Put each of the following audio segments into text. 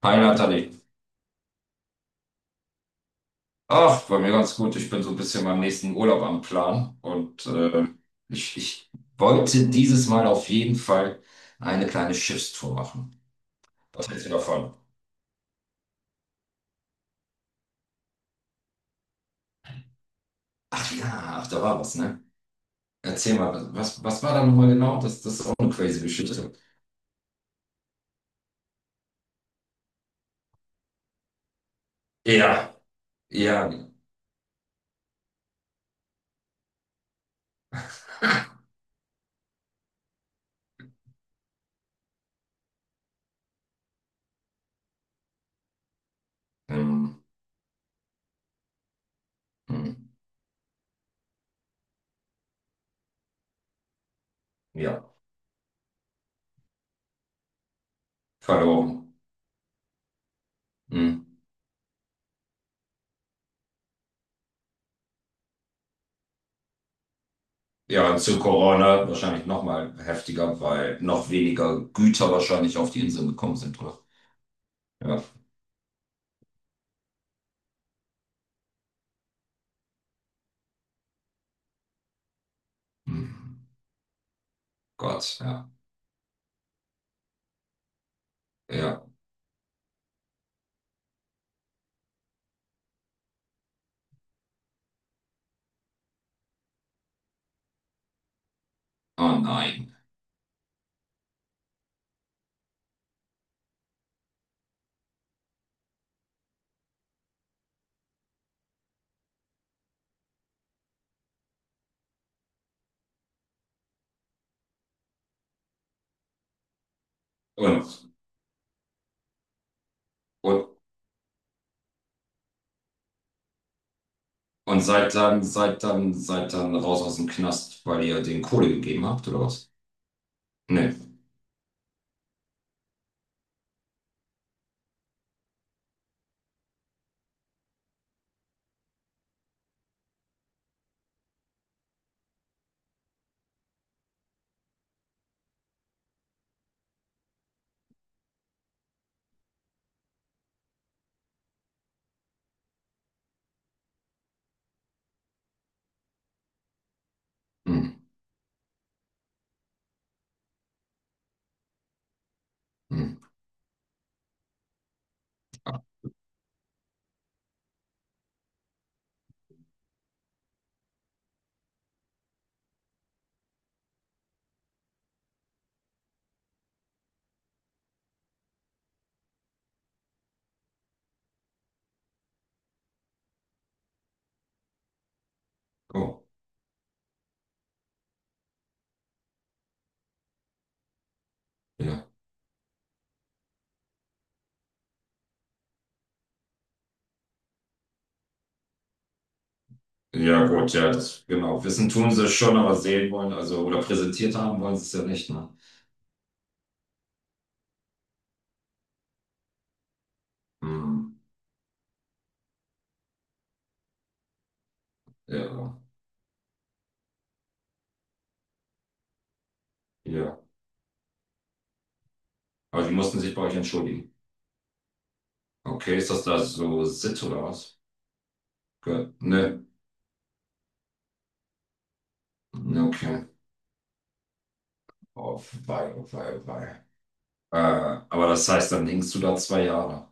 Hi Nathalie. Ach, bei mir ganz gut. Ich bin so ein bisschen meinem nächsten Urlaub am Plan und ich wollte dieses Mal auf jeden Fall eine kleine Schiffstour machen. Was hältst du davon? Ach ja, ach, da war was, ne? Erzähl mal, was war da nochmal genau? Das ist auch eine crazy Geschichte. Ja, ja, ähm, hm, ja, verloren. Hm. Ja, zu Corona wahrscheinlich nochmal heftiger, weil noch weniger Güter wahrscheinlich auf die Inseln gekommen sind, oder? Ja. Hm. Gott, ja. Ja. Oh nein. Und, und, und seid dann raus aus dem Knast, weil ihr den Kohle gegeben habt, oder was? Nee. Hm, hm. Oh, ja. Ja, gut, ja, das, genau. Wissen tun sie es schon, aber sehen wollen, also, oder präsentiert haben wollen sie es ja nicht, ne? Hm, ja, ja. Aber die mussten sich bei euch entschuldigen. Okay, ist das da so Sitt oder was? Ge ne, ne, okay. Oh, wei, oh, wei, oh, wei. Äh, aber das heißt, dann hängst du da zwei Jahre.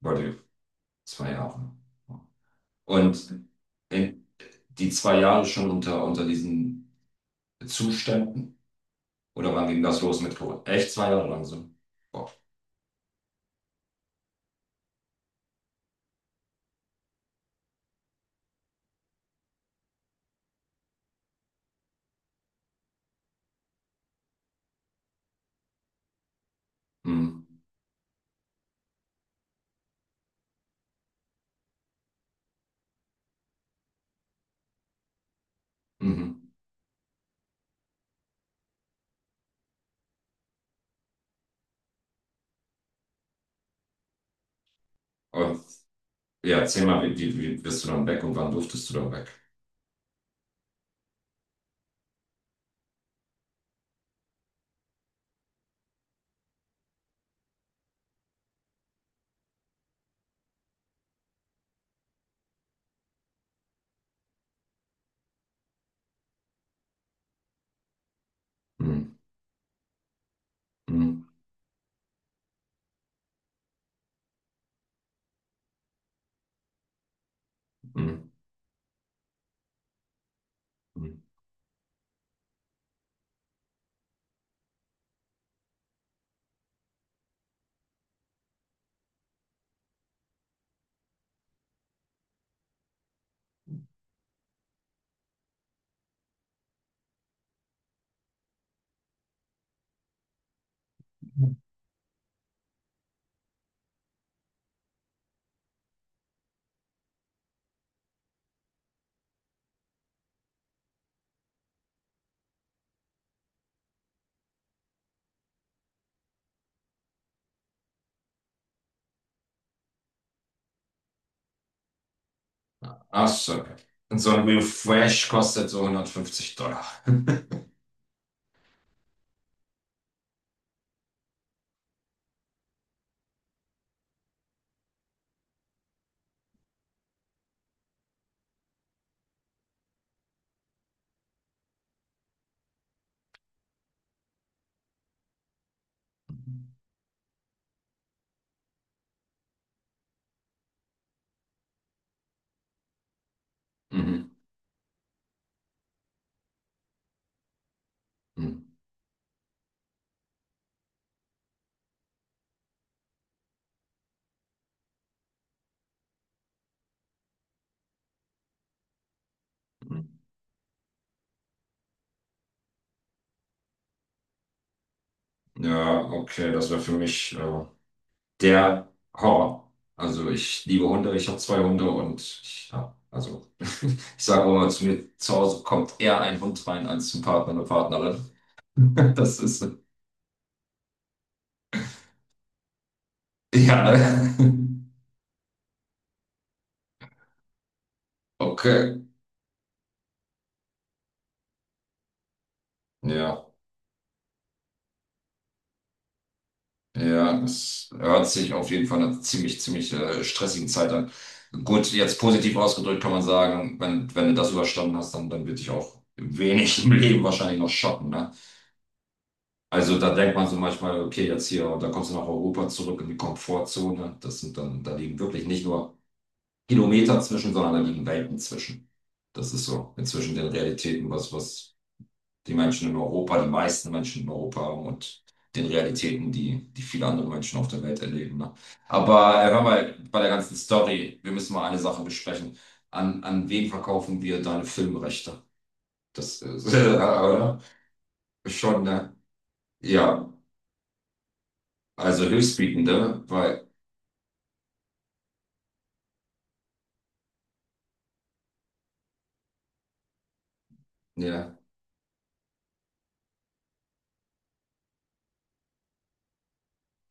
Weil du, zwei Jahre. Und in die zwei Jahre schon unter diesen Zuständen? Oder wann ging das los mit Corona? Echt zwei Jahre lang so? Boah. Mhm. Mhm. Und ja, erzähl mal, wie bist du dann weg und wann durftest du dann weg? Mhm. Mhm. Mhm. Mhm. Ach so, okay. Und so ein Refresh kostet so 150$. Mhm. Mhm. Mhm. Ja, okay, das wäre für mich. Der Horror. Also ich liebe Hunde, ich habe zwei Hunde und ich, ja, also ich sage auch immer zu mir, zu Hause kommt eher ein Hund rein als zum Partner oder Partnerin. Das ist, ja, okay, ja, ja, das hört sich auf jeden Fall einer ziemlich stressigen Zeit an. Gut, jetzt positiv ausgedrückt kann man sagen, wenn du das überstanden hast, dann wird dich auch wenig im Leben wahrscheinlich noch schocken, ne? Also da denkt man so manchmal, okay, jetzt hier, und dann kommst du nach Europa zurück in die Komfortzone. Das sind dann, da liegen wirklich nicht nur Kilometer zwischen, sondern da liegen Welten zwischen. Das ist so inzwischen den Realitäten, was die Menschen in Europa, die meisten Menschen in Europa haben und den Realitäten, die viele andere Menschen auf der Welt erleben. Ne? Aber hör mal, bei der ganzen Story, wir müssen mal eine Sache besprechen. An wen verkaufen wir deine Filmrechte? Das ist, oder? Schon, ne? Ja, also höchstbietende, weil ja,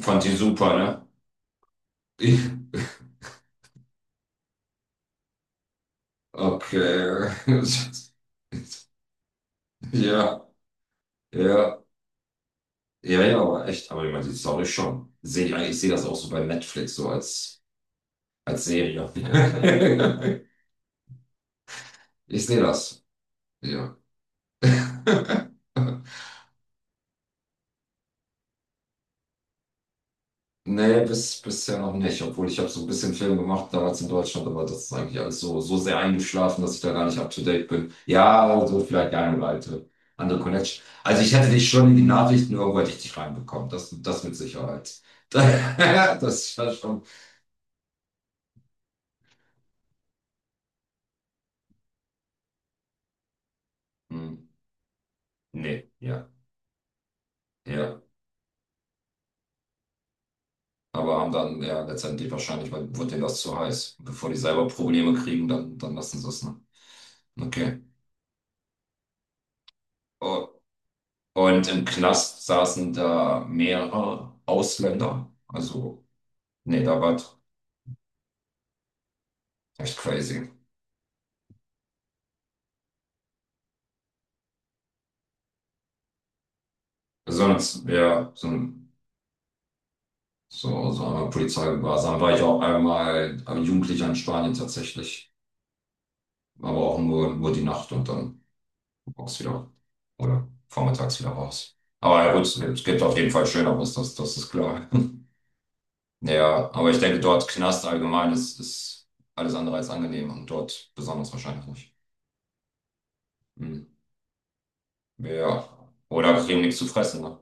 fand die super, ne? Ich, okay. Ja, ja, ja, ja, aber echt, aber ich meine, die Story schon. Sehe ich, eigentlich- ich sehe das auch so bei Netflix, als Serie. Ich sehe das. Ja. Nee, bisher noch nicht, obwohl ich habe so ein bisschen Film gemacht damals in Deutschland, aber das ist eigentlich alles so, so sehr eingeschlafen, dass ich da gar nicht up to date bin. Ja, also vielleicht die eine oder alte, andere Connection. Also ich hätte dich schon in die Nachrichten irgendwo hätte ich dich reinbekommen, das mit Sicherheit. Das war schon. Hm. Nee, ja, ja. Aber haben dann ja letztendlich wahrscheinlich, weil wurde denen das zu heiß. Bevor die selber Probleme kriegen, dann lassen sie es, ne? Okay. Oh, und im Knast saßen da mehrere Ausländer. Also, nee, da war echt crazy. Sonst, ja, so, so, so einmal Polizeigewahrsam war ich auch einmal Jugendlicher in Spanien tatsächlich. Aber auch nur die Nacht und dann morgens wieder oder vormittags wieder raus. Aber ja, gut, es gibt auf jeden Fall Schöneres, das ist klar. Ja, aber ich denke, dort Knast allgemein ist alles andere als angenehm und dort besonders wahrscheinlich nicht. Mhm. Ja. Oder kriegen nichts zu fressen. Ne?